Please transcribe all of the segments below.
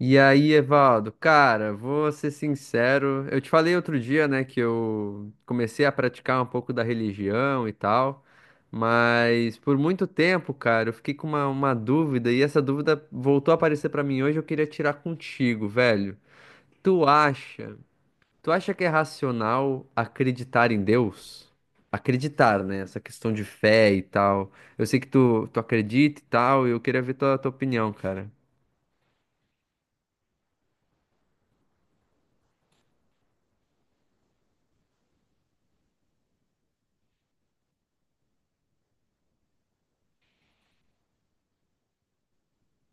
E aí, Evaldo, cara, vou ser sincero. Eu te falei outro dia, né, que eu comecei a praticar um pouco da religião e tal, mas por muito tempo, cara, eu fiquei com uma dúvida e essa dúvida voltou a aparecer pra mim hoje. Eu queria tirar contigo, velho. Tu acha, tu acha que é racional acreditar em Deus? Acreditar, né? Essa questão de fé e tal. Eu sei que tu acredita e tal, e eu queria ver tua opinião, cara.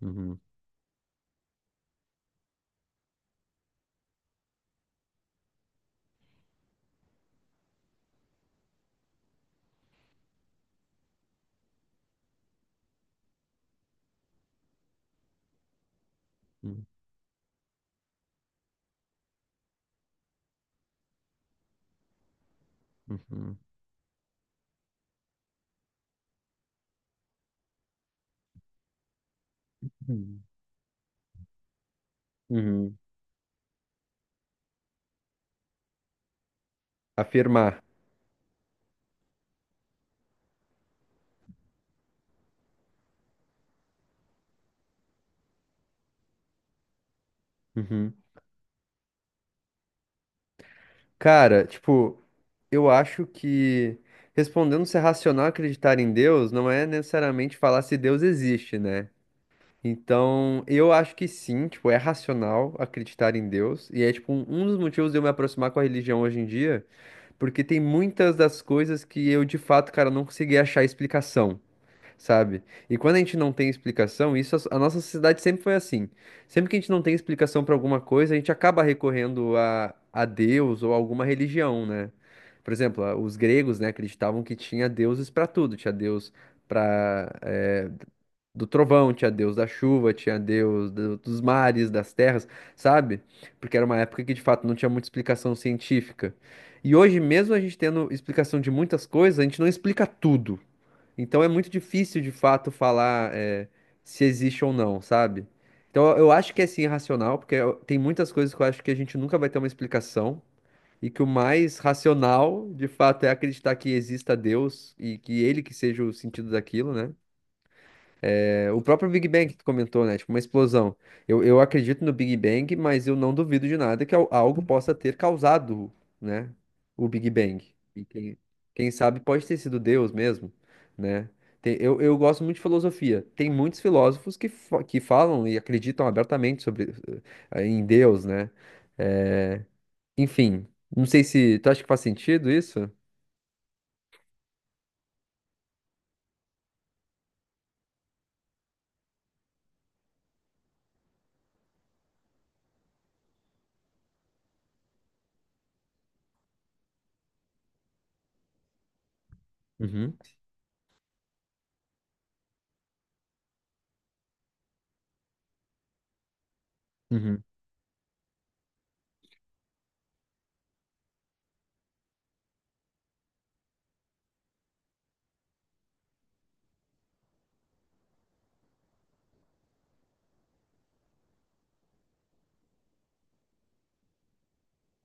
Uhum, uhum, uhum. Uhum. Afirmar. Uhum. Cara, tipo, eu acho que respondendo se é racional acreditar em Deus não é necessariamente falar se Deus existe, né? Então, eu acho que sim, tipo, é racional acreditar em Deus. E é, tipo, um dos motivos de eu me aproximar com a religião hoje em dia, porque tem muitas das coisas que eu, de fato, cara, não consegui achar explicação. Sabe? E quando a gente não tem explicação, isso a nossa sociedade sempre foi assim. Sempre que a gente não tem explicação para alguma coisa, a gente acaba recorrendo a Deus ou alguma religião, né? Por exemplo, os gregos, né, acreditavam que tinha deuses para tudo, tinha Deus para do trovão, tinha Deus da chuva, tinha Deus dos mares, das terras, sabe? Porque era uma época que de fato não tinha muita explicação científica. E hoje, mesmo a gente tendo explicação de muitas coisas, a gente não explica tudo. Então é muito difícil de fato falar é, se existe ou não, sabe? Então eu acho que é sim racional, porque tem muitas coisas que eu acho que a gente nunca vai ter uma explicação, e que o mais racional, de fato, é acreditar que exista Deus e que ele que seja o sentido daquilo, né? É, o próprio Big Bang que tu comentou, né? Tipo, uma explosão. Eu acredito no Big Bang, mas eu não duvido de nada que algo possa ter causado, né? O Big Bang. E quem sabe pode ter sido Deus mesmo, né? Eu, gosto muito de filosofia. Tem muitos filósofos que, que falam e acreditam abertamente sobre, em Deus, né? É, enfim, não sei se... Tu acha que faz sentido isso? Uhum. Uhum.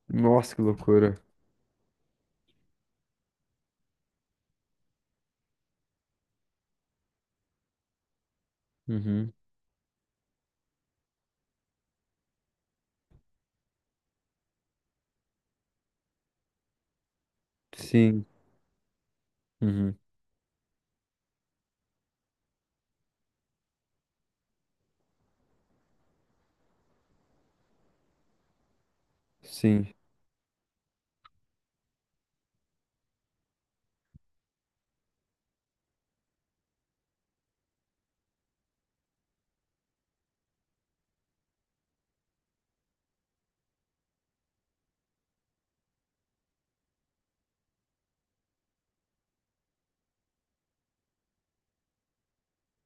Nossa, que loucura. Uhum. Sim. Uhum. Sim.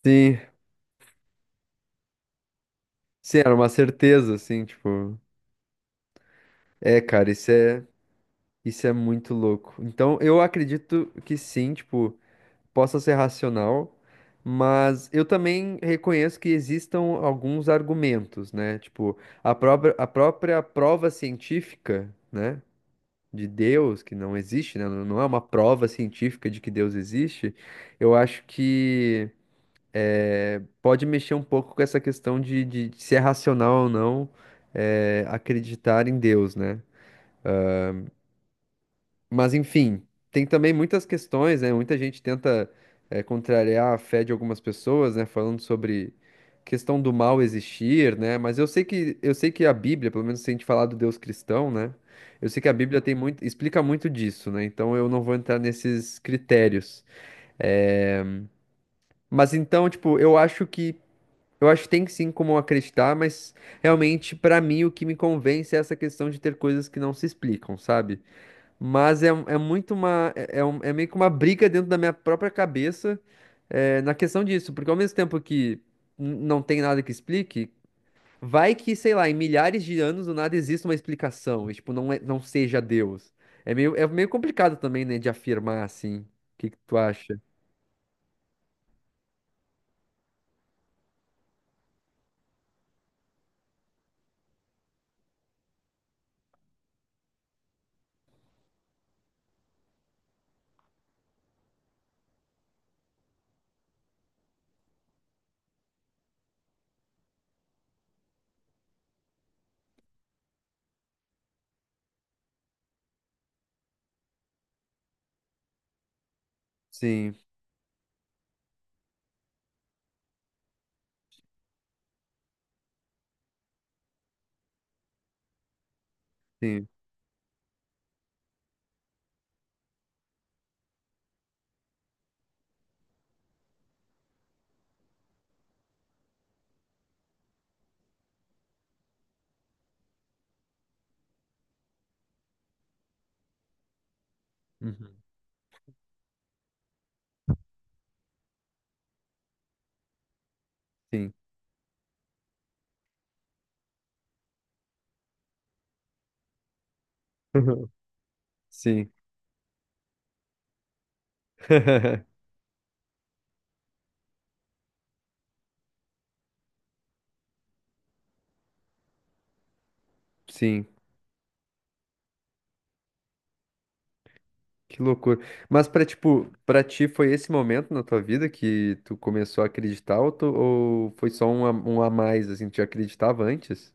Sim. Sim, era uma certeza, assim, tipo. É, cara, isso é, isso é muito louco. Então, eu acredito que sim, tipo, possa ser racional, mas eu também reconheço que existam alguns argumentos, né? Tipo, a própria prova científica, né? De Deus, que não existe, né? Não é uma prova científica de que Deus existe. Eu acho que pode mexer um pouco com essa questão de, de se é racional ou não acreditar em Deus, né? Mas enfim, tem também muitas questões, né? Muita gente tenta contrariar a fé de algumas pessoas, né? Falando sobre questão do mal existir, né? Mas eu sei que a Bíblia, pelo menos se a gente falar do Deus cristão, né? Eu sei que a Bíblia tem muito, explica muito disso, né? Então eu não vou entrar nesses critérios. É, mas então, tipo, eu acho que tem sim como acreditar, mas realmente, pra mim, o que me convence é essa questão de ter coisas que não se explicam, sabe? Mas é, é muito uma. É, é meio que uma briga dentro da minha própria cabeça, é, na questão disso, porque ao mesmo tempo que não tem nada que explique, vai que, sei lá, em milhares de anos do nada existe uma explicação, e, tipo, não, não seja Deus. É meio complicado também, né, de afirmar assim. O que que tu acha? Sim, sim. Uhum. Sim. Sim. Sim, que loucura. Mas pra, tipo, pra ti foi esse momento na tua vida que tu começou a acreditar ou, ou foi só um a, um a mais, assim, tu já acreditava antes?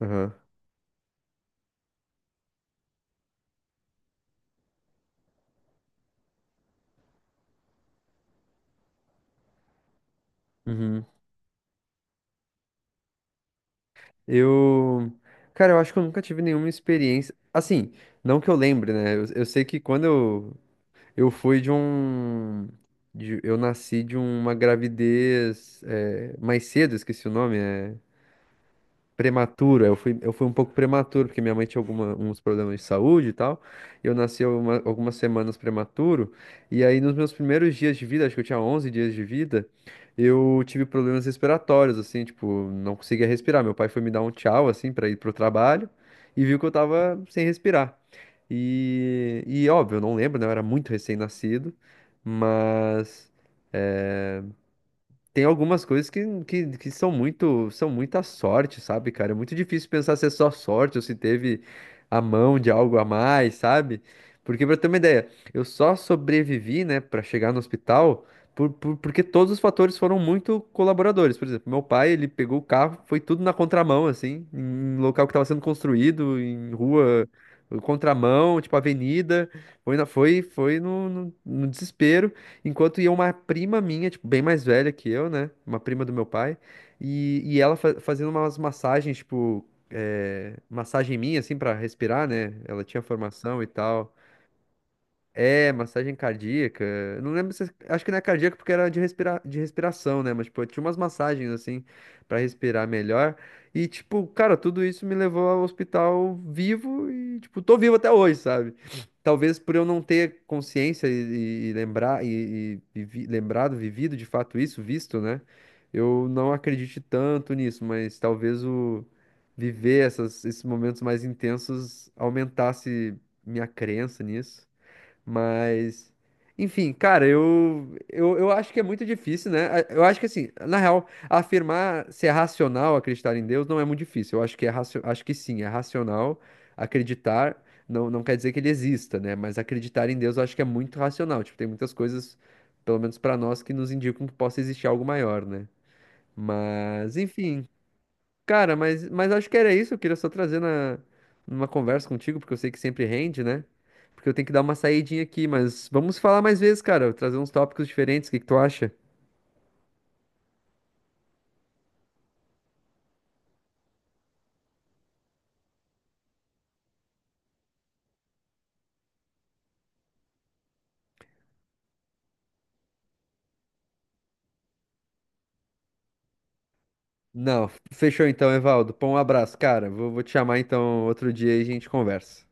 Aham. Uhum. Eu, cara, eu acho que eu nunca tive nenhuma experiência, assim, não que eu lembre, né? Eu sei que quando eu fui de um, eu nasci de uma gravidez, é, mais cedo, esqueci o nome, é... Prematuro. Eu fui um pouco prematuro, porque minha mãe tinha alguma, uns problemas de saúde e tal. E eu nasci algumas semanas prematuro. E aí, nos meus primeiros dias de vida, acho que eu tinha 11 dias de vida, eu tive problemas respiratórios, assim, tipo, não conseguia respirar. Meu pai foi me dar um tchau, assim, pra ir pro trabalho e viu que eu tava sem respirar. E óbvio, eu não lembro, né? Eu era muito recém-nascido, mas eh, tem algumas coisas que, que são muito, são muita sorte, sabe, cara? É muito difícil pensar se é só sorte ou se teve a mão de algo a mais, sabe? Porque, pra ter uma ideia, eu só sobrevivi, né, pra chegar no hospital por, porque todos os fatores foram muito colaboradores. Por exemplo, meu pai, ele pegou o carro, foi tudo na contramão, assim, em local que tava sendo construído, em rua, contramão, tipo avenida. Foi no, no desespero. Enquanto ia uma prima minha, tipo, bem mais velha que eu, né? Uma prima do meu pai. E ela fazendo umas massagens, tipo, é, massagem minha, assim, pra respirar, né? Ela tinha formação e tal. É, massagem cardíaca. Eu não lembro se. Acho que não é cardíaca porque era de, respira... de respiração, né? Mas, tipo, tinha umas massagens, assim, pra respirar melhor. E, tipo, cara, tudo isso me levou ao hospital vivo e, tipo, tô vivo até hoje, sabe? Talvez por eu não ter consciência e lembrar, e lembrado, vivido de fato isso, visto, né? Eu não acredite tanto nisso, mas talvez o viver esses momentos mais intensos aumentasse minha crença nisso. Mas, enfim, cara, eu acho que é muito difícil, né? Eu acho que, assim, na real, afirmar se é racional acreditar em Deus não é muito difícil. Eu acho que é racio... acho que sim, é racional acreditar. Não, não quer dizer que ele exista, né? Mas acreditar em Deus eu acho que é muito racional. Tipo, tem muitas coisas, pelo menos pra nós, que nos indicam que possa existir algo maior, né? Mas, enfim. Cara, mas acho que era isso. Eu queria só trazer na, numa conversa contigo, porque eu sei que sempre rende, né? Porque eu tenho que dar uma saidinha aqui, mas vamos falar mais vezes, cara. Trazer uns tópicos diferentes. O que que tu acha? Não, fechou então, Evaldo. Pô, um abraço, cara. Vou te chamar então outro dia e a gente conversa.